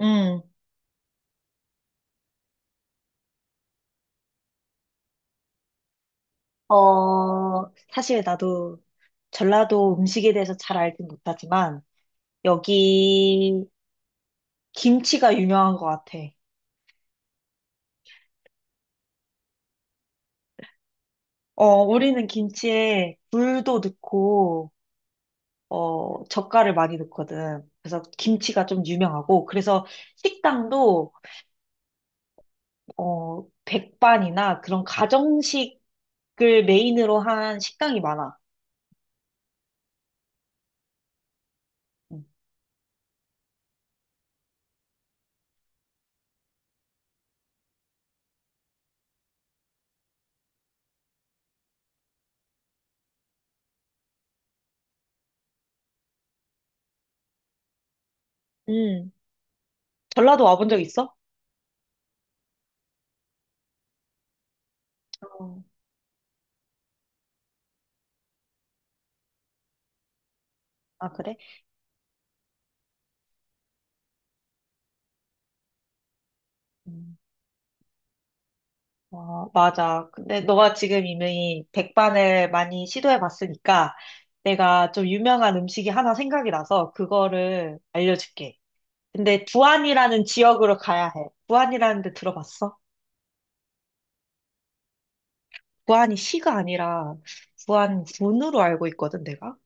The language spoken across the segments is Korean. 음, 어, 사실 나도 전라도 음식에 대해서 잘 알진 못하지만, 여기 김치가 유명한 것 같아. 어, 우리는 김치에 굴도 넣고, 어, 젓갈을 많이 넣거든. 그래서 김치가 좀 유명하고, 그래서 식당도, 어, 백반이나 그런 가정식을 메인으로 한 식당이 많아. 음. 음. 전라도 와본 적 있어? 어, 아, 그래? 음. 어, 맞아. 근데 너가 지금 이미 백반을 많이 시도해 봤으니까 내가 좀 유명한 음식이 하나 생각이 나서 그거를 알려줄게. 근데 부안이라는 지역으로 가야 해. 부안이라는 데 들어봤어? 부안이 시가 아니라 부안 군으로 알고 있거든, 내가.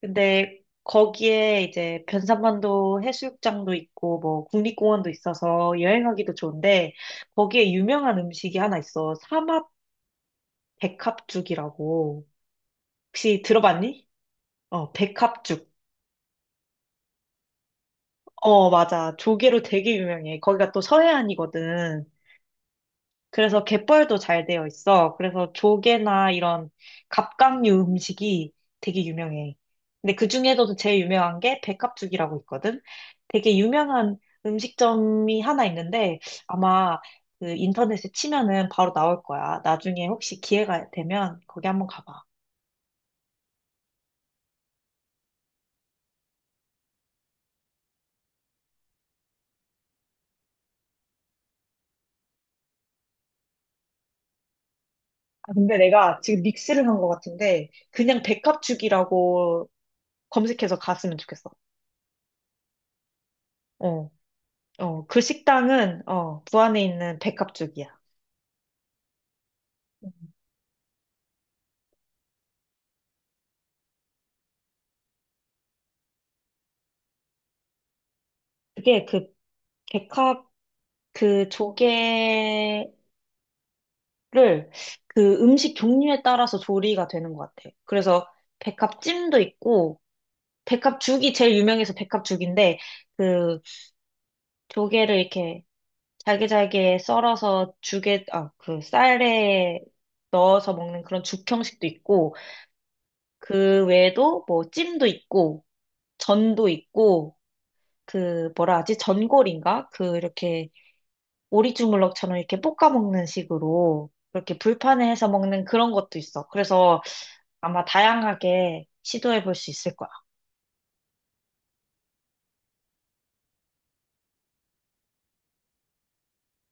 근데 거기에 이제 변산반도 해수욕장도 있고 뭐 국립공원도 있어서 여행하기도 좋은데 거기에 유명한 음식이 하나 있어. 삼합 백합죽이라고. 혹시 들어봤니? 어, 백합죽. 어, 맞아. 조개로 되게 유명해. 거기가 또 서해안이거든. 그래서 갯벌도 잘 되어 있어. 그래서 조개나 이런 갑각류 음식이 되게 유명해. 근데 그 중에서도 제일 유명한 게 백합죽이라고 있거든. 되게 유명한 음식점이 하나 있는데 아마 그 인터넷에 치면은 바로 나올 거야. 나중에 혹시 기회가 되면 거기 한번 가봐. 아, 근데 내가 지금 믹스를 한 것 같은데, 그냥 백합죽이라고 검색해서 갔으면 좋겠어. 어. 어, 그 식당은, 어, 부안에 있는 백합죽이야. 그게 그 백합, 그 조개를 그 음식 종류에 따라서 조리가 되는 것 같아. 그래서 백합찜도 있고, 백합죽이 제일 유명해서 백합죽인데, 그 조개를 이렇게 잘게잘게 썰어서 죽에, 아, 그 쌀에 넣어서 먹는 그런 죽 형식도 있고, 그 외에도 뭐 찜도 있고, 전도 있고, 그 뭐라 하지? 전골인가? 그 이렇게 오리 주물럭처럼 이렇게 볶아 먹는 식으로 이렇게 불판에 해서 먹는 그런 것도 있어. 그래서 아마 다양하게 시도해 볼 수 있을 거야.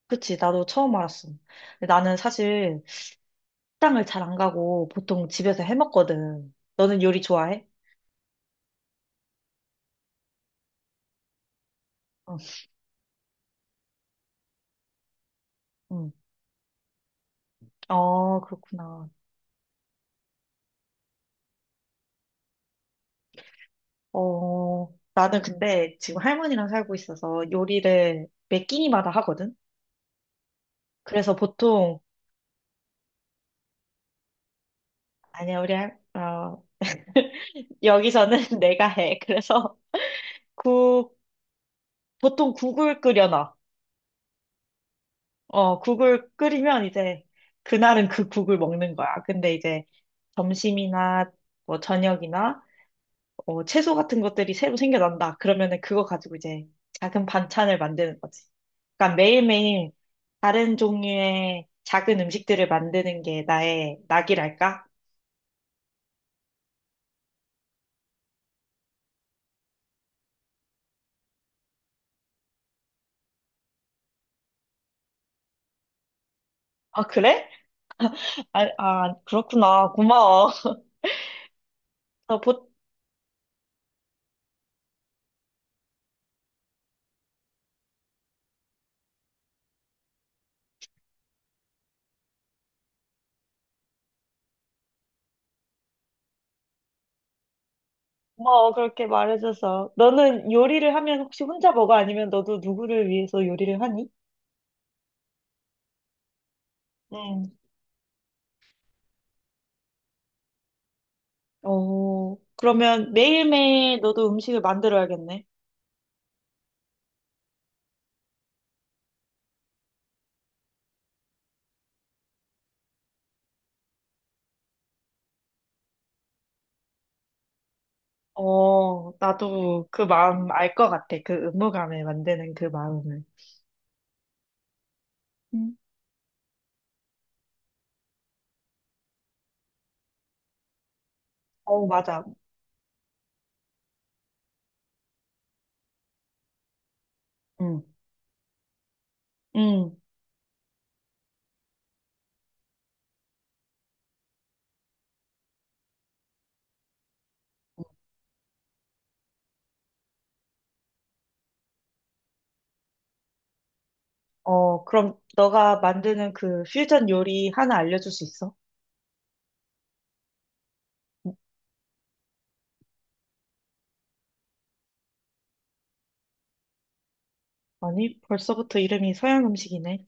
그치? 나도 처음 알았어. 근데 나는 사실 식당을 잘 안 가고 보통 집에서 해 먹거든. 너는 요리 좋아해? 어, 응. 어, 그렇구나. 어, 나는 근데 지금 할머니랑 살고 있어서 요리를 매 끼니마다 하거든? 그래서 보통, 아니야, 우리 어, 여기서는 내가 해. 그래서 국, 보통 국을 끓여놔. 어, 국을 끓이면 이제 그날은 그 국을 먹는 거야. 근데 이제 점심이나 뭐 저녁이나 어, 채소 같은 것들이 새로 생겨난다. 그러면은 그거 가지고 이제 작은 반찬을 만드는 거지. 그러니까 매일매일 다른 종류의 작은 음식들을 만드는 게 나의 낙이랄까? 아, 그래? 아, 아, 그렇구나. 고마워. 어, 보, 고마워, 그렇게 말해줘서. 너는 요리를 하면 혹시 혼자 먹어? 아니면 너도 누구를 위해서 요리를 하니? 응. 어, 그러면 매일매일 너도 음식을 만들어야겠네. 어, 나도 그 마음 알 것 같아. 그 의무감에 만드는 그 마음을. 응. 어, 맞아. 응. 응. 어, 그럼 너가 만드는 그 퓨전 요리 하나 알려줄 수 있어? 아니, 벌써부터 이름이 서양 음식이네.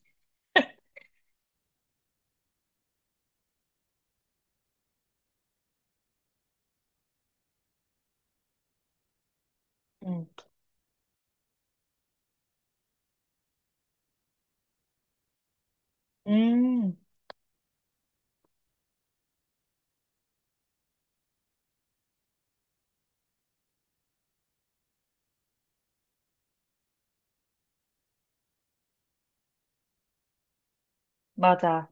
응. 음, 맞아.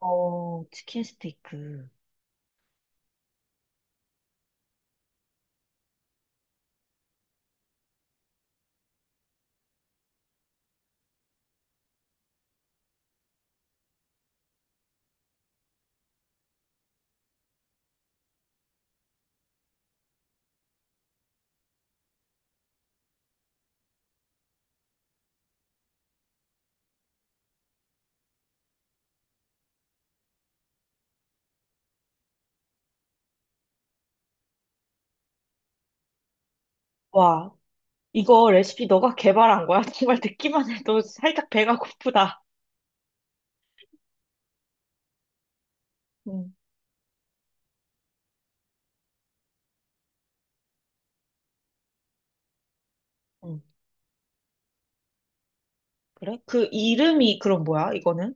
어, 치킨 스테이크. 와, 이거 레시피 너가 개발한 거야? 정말 듣기만 해도 살짝 배가 고프다. 응, 응. 그래? 그 이름이 그럼 뭐야, 이거는?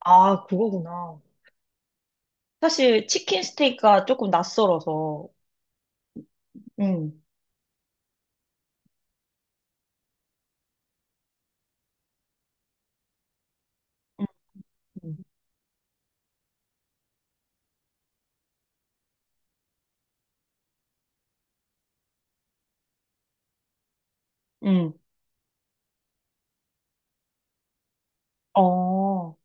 아, 그거구나. 사실 치킨 스테이크가 조금 낯설어서. 응, 응, 응. 응. 어,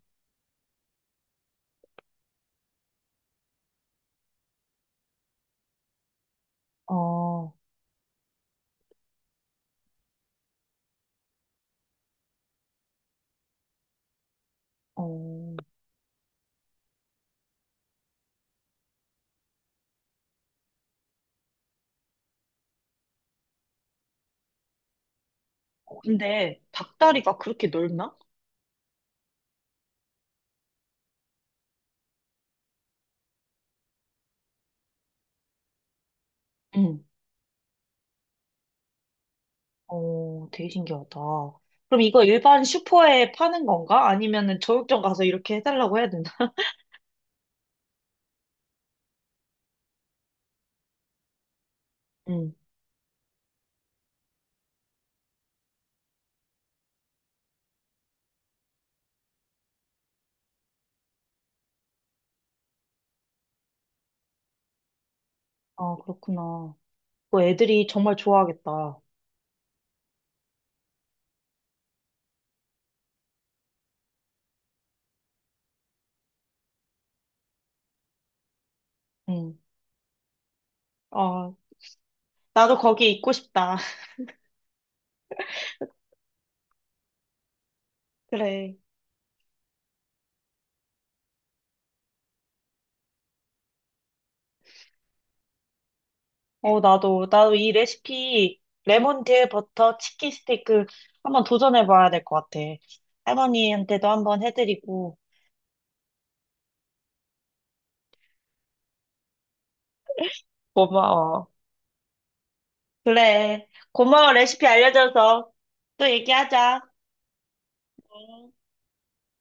어, 어. 근데 닭다리가 그렇게 넓나? 응. 어, 되게 신기하다. 그럼 이거 일반 슈퍼에 파는 건가? 아니면은 저육점 가서 이렇게 해달라고 해야 되나? 응. 아, 그렇구나. 뭐 애들이 정말 좋아하겠다. 응. 어, 나도 거기 있고 싶다. 그래. 어, 나도, 나도 이 레시피, 레몬드 버터 치킨 스테이크 한번 도전해봐야 될 것 같아. 할머니한테도 한번 해드리고. 고마워. 그래. 고마워, 레시피 알려줘서. 또 얘기하자. 응.